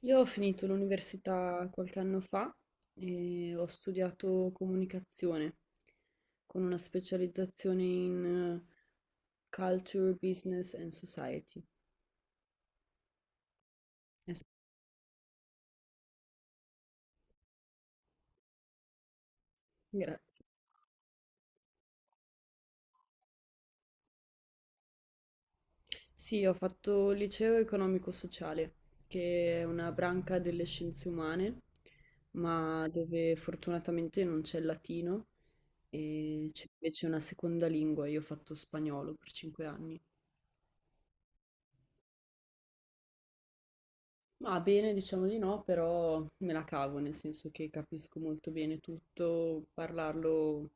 Io ho finito l'università qualche anno fa e ho studiato comunicazione con una specializzazione in Culture, Business and Society. Es- Grazie. Sì, ho fatto liceo economico-sociale, che è una branca delle scienze umane, ma dove fortunatamente non c'è il latino e c'è invece una seconda lingua. Io ho fatto spagnolo per 5 anni. Ma bene, diciamo di no, però me la cavo, nel senso che capisco molto bene tutto, parlarlo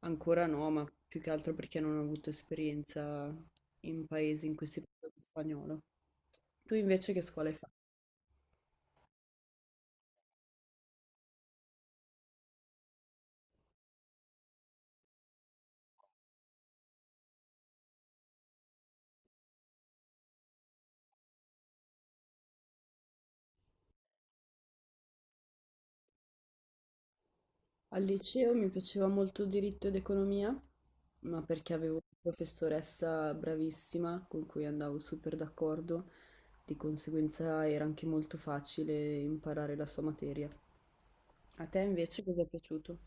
ancora no, ma più che altro perché non ho avuto esperienza in paesi in cui si parla lo spagnolo. Tu invece che scuola hai fatto? Al liceo mi piaceva molto diritto ed economia, ma perché avevo una professoressa bravissima con cui andavo super d'accordo, di conseguenza era anche molto facile imparare la sua materia. A te invece cosa è piaciuto?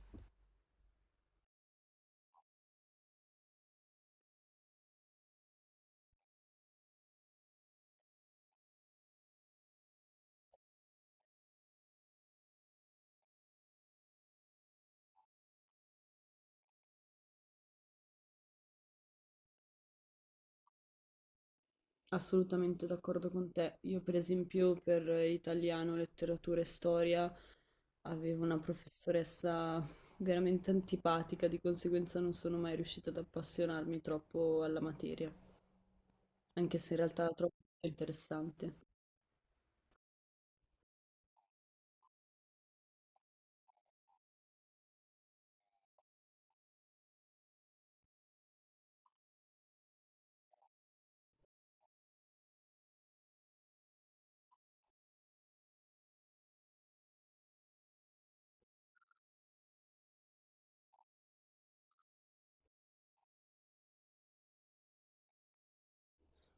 Assolutamente d'accordo con te. Io, per esempio, per italiano, letteratura e storia avevo una professoressa veramente antipatica, di conseguenza non sono mai riuscita ad appassionarmi troppo alla materia, anche se in realtà era troppo interessante.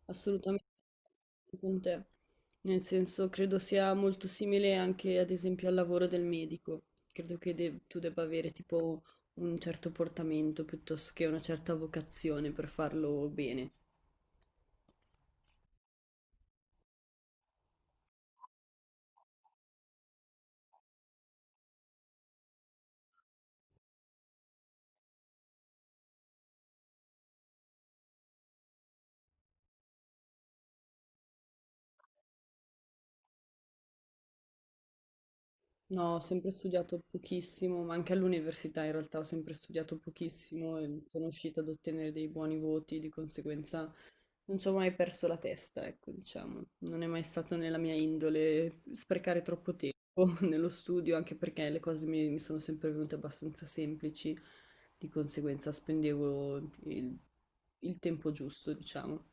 Assolutamente con te. Nel senso, credo sia molto simile anche ad esempio al lavoro del medico. Credo che tu debba avere tipo un certo portamento piuttosto che una certa vocazione per farlo bene. No, ho sempre studiato pochissimo, ma anche all'università in realtà ho sempre studiato pochissimo e sono riuscita ad ottenere dei buoni voti, di conseguenza non ci ho mai perso la testa, ecco, diciamo. Non è mai stato nella mia indole sprecare troppo tempo nello studio, anche perché le cose mi sono sempre venute abbastanza semplici, di conseguenza spendevo il, il tempo giusto, diciamo.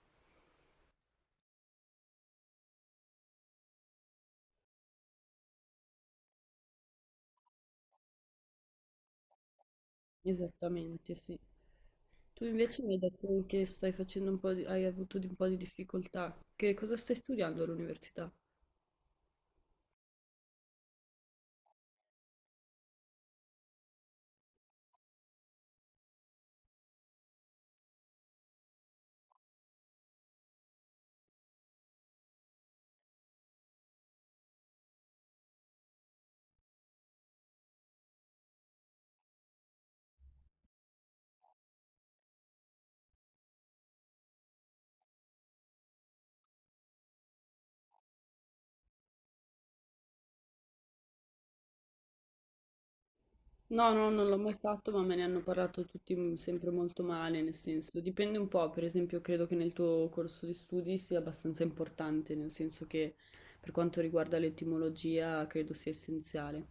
Esattamente, sì. Tu invece mi hai detto che stai facendo un po' di, hai avuto un po' di difficoltà. Che cosa stai studiando all'università? No, no, non l'ho mai fatto, ma me ne hanno parlato tutti sempre molto male, nel senso, dipende un po', per esempio, credo che nel tuo corso di studi sia abbastanza importante, nel senso che per quanto riguarda l'etimologia credo sia essenziale.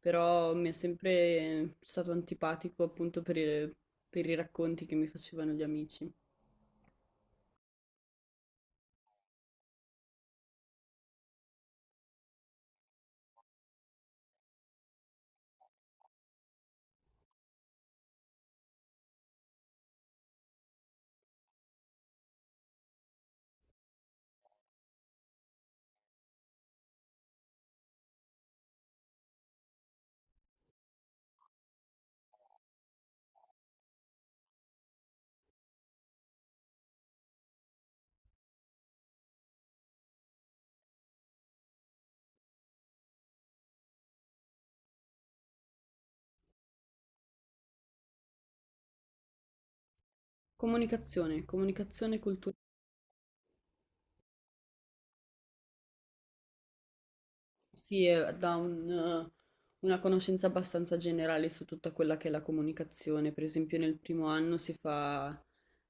Però mi è sempre stato antipatico appunto per i racconti che mi facevano gli amici. Comunicazione, comunicazione culturale. Sì, dà una conoscenza abbastanza generale su tutta quella che è la comunicazione. Per esempio, nel primo anno si fa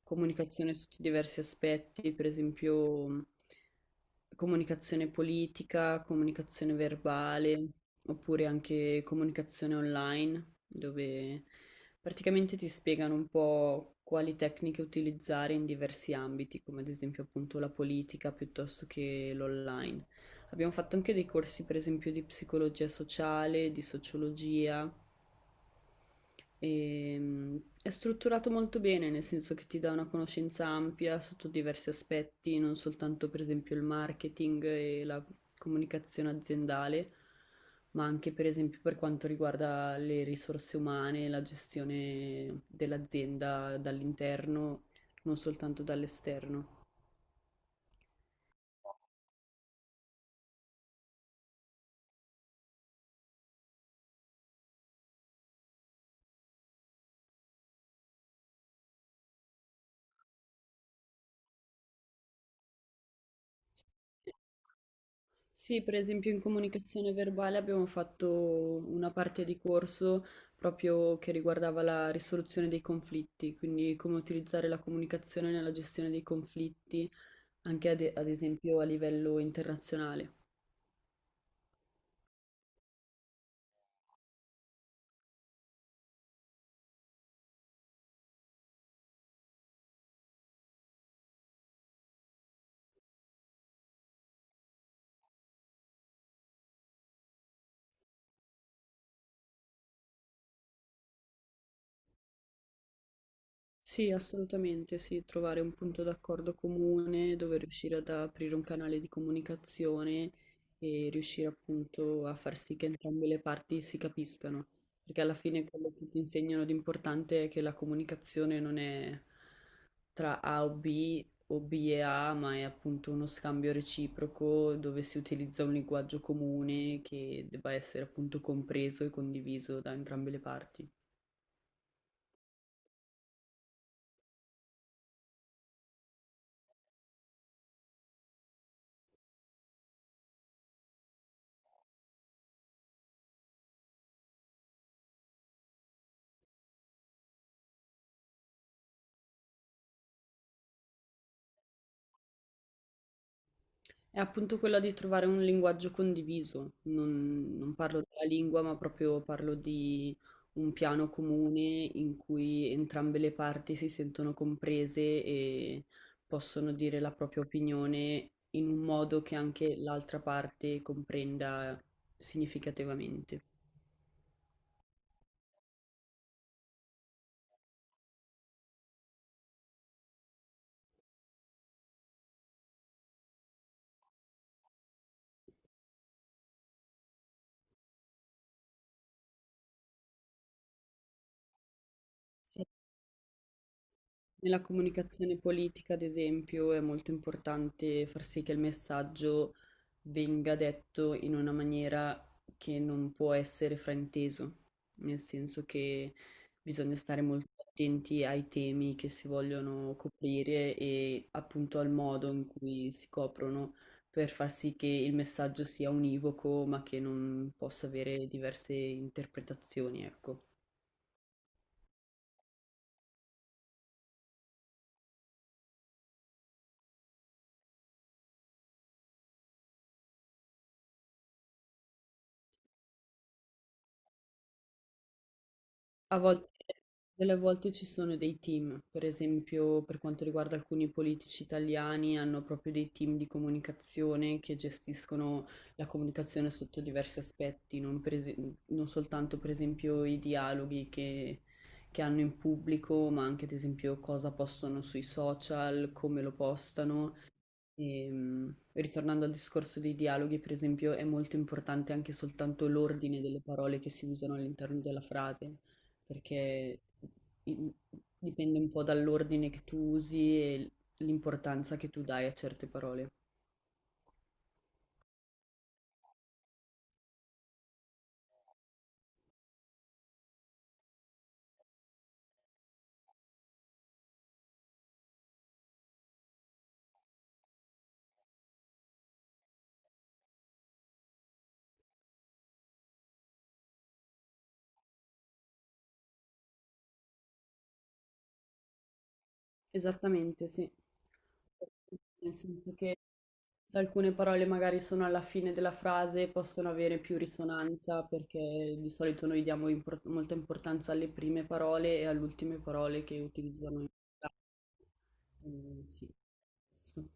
comunicazione su diversi aspetti, per esempio comunicazione politica, comunicazione verbale, oppure anche comunicazione online, dove praticamente ti spiegano un po' quali tecniche utilizzare in diversi ambiti, come ad esempio appunto la politica piuttosto che l'online. Abbiamo fatto anche dei corsi, per esempio, di psicologia sociale, di sociologia. E, è strutturato molto bene, nel senso che ti dà una conoscenza ampia sotto diversi aspetti, non soltanto, per esempio, il marketing e la comunicazione aziendale, ma anche, per esempio, per quanto riguarda le risorse umane, la gestione dell'azienda dall'interno, non soltanto dall'esterno. Sì, per esempio in comunicazione verbale abbiamo fatto una parte di corso proprio che riguardava la risoluzione dei conflitti, quindi come utilizzare la comunicazione nella gestione dei conflitti, anche ad esempio a livello internazionale. Sì, assolutamente, sì, trovare un punto d'accordo comune dove riuscire ad aprire un canale di comunicazione e riuscire appunto a far sì che entrambe le parti si capiscano, perché alla fine quello che ti insegnano di importante è che la comunicazione non è tra A o B e A, ma è appunto uno scambio reciproco dove si utilizza un linguaggio comune che debba essere appunto compreso e condiviso da entrambe le parti. È appunto quella di trovare un linguaggio condiviso. Non parlo della lingua, ma proprio parlo di un piano comune in cui entrambe le parti si sentono comprese e possono dire la propria opinione in un modo che anche l'altra parte comprenda significativamente. Sì. Nella comunicazione politica, ad esempio, è molto importante far sì che il messaggio venga detto in una maniera che non può essere frainteso, nel senso che bisogna stare molto attenti ai temi che si vogliono coprire e appunto al modo in cui si coprono per far sì che il messaggio sia univoco, ma che non possa avere diverse interpretazioni, ecco. A volte, delle volte ci sono dei team, per esempio per quanto riguarda alcuni politici italiani, hanno proprio dei team di comunicazione che gestiscono la comunicazione sotto diversi aspetti, non, non soltanto per esempio i dialoghi che hanno in pubblico, ma anche ad esempio cosa postano sui social, come lo postano. Ritornando al discorso dei dialoghi, per esempio, è molto importante anche soltanto l'ordine delle parole che si usano all'interno della frase, perché in- dipende un po' dall'ordine che tu usi e l'importanza che tu dai a certe parole. Esattamente, sì. Nel senso che se alcune parole magari sono alla fine della frase, possono avere più risonanza perché di solito noi diamo molta importanza alle prime parole e alle ultime parole che utilizzano in. Mm, sì. Su.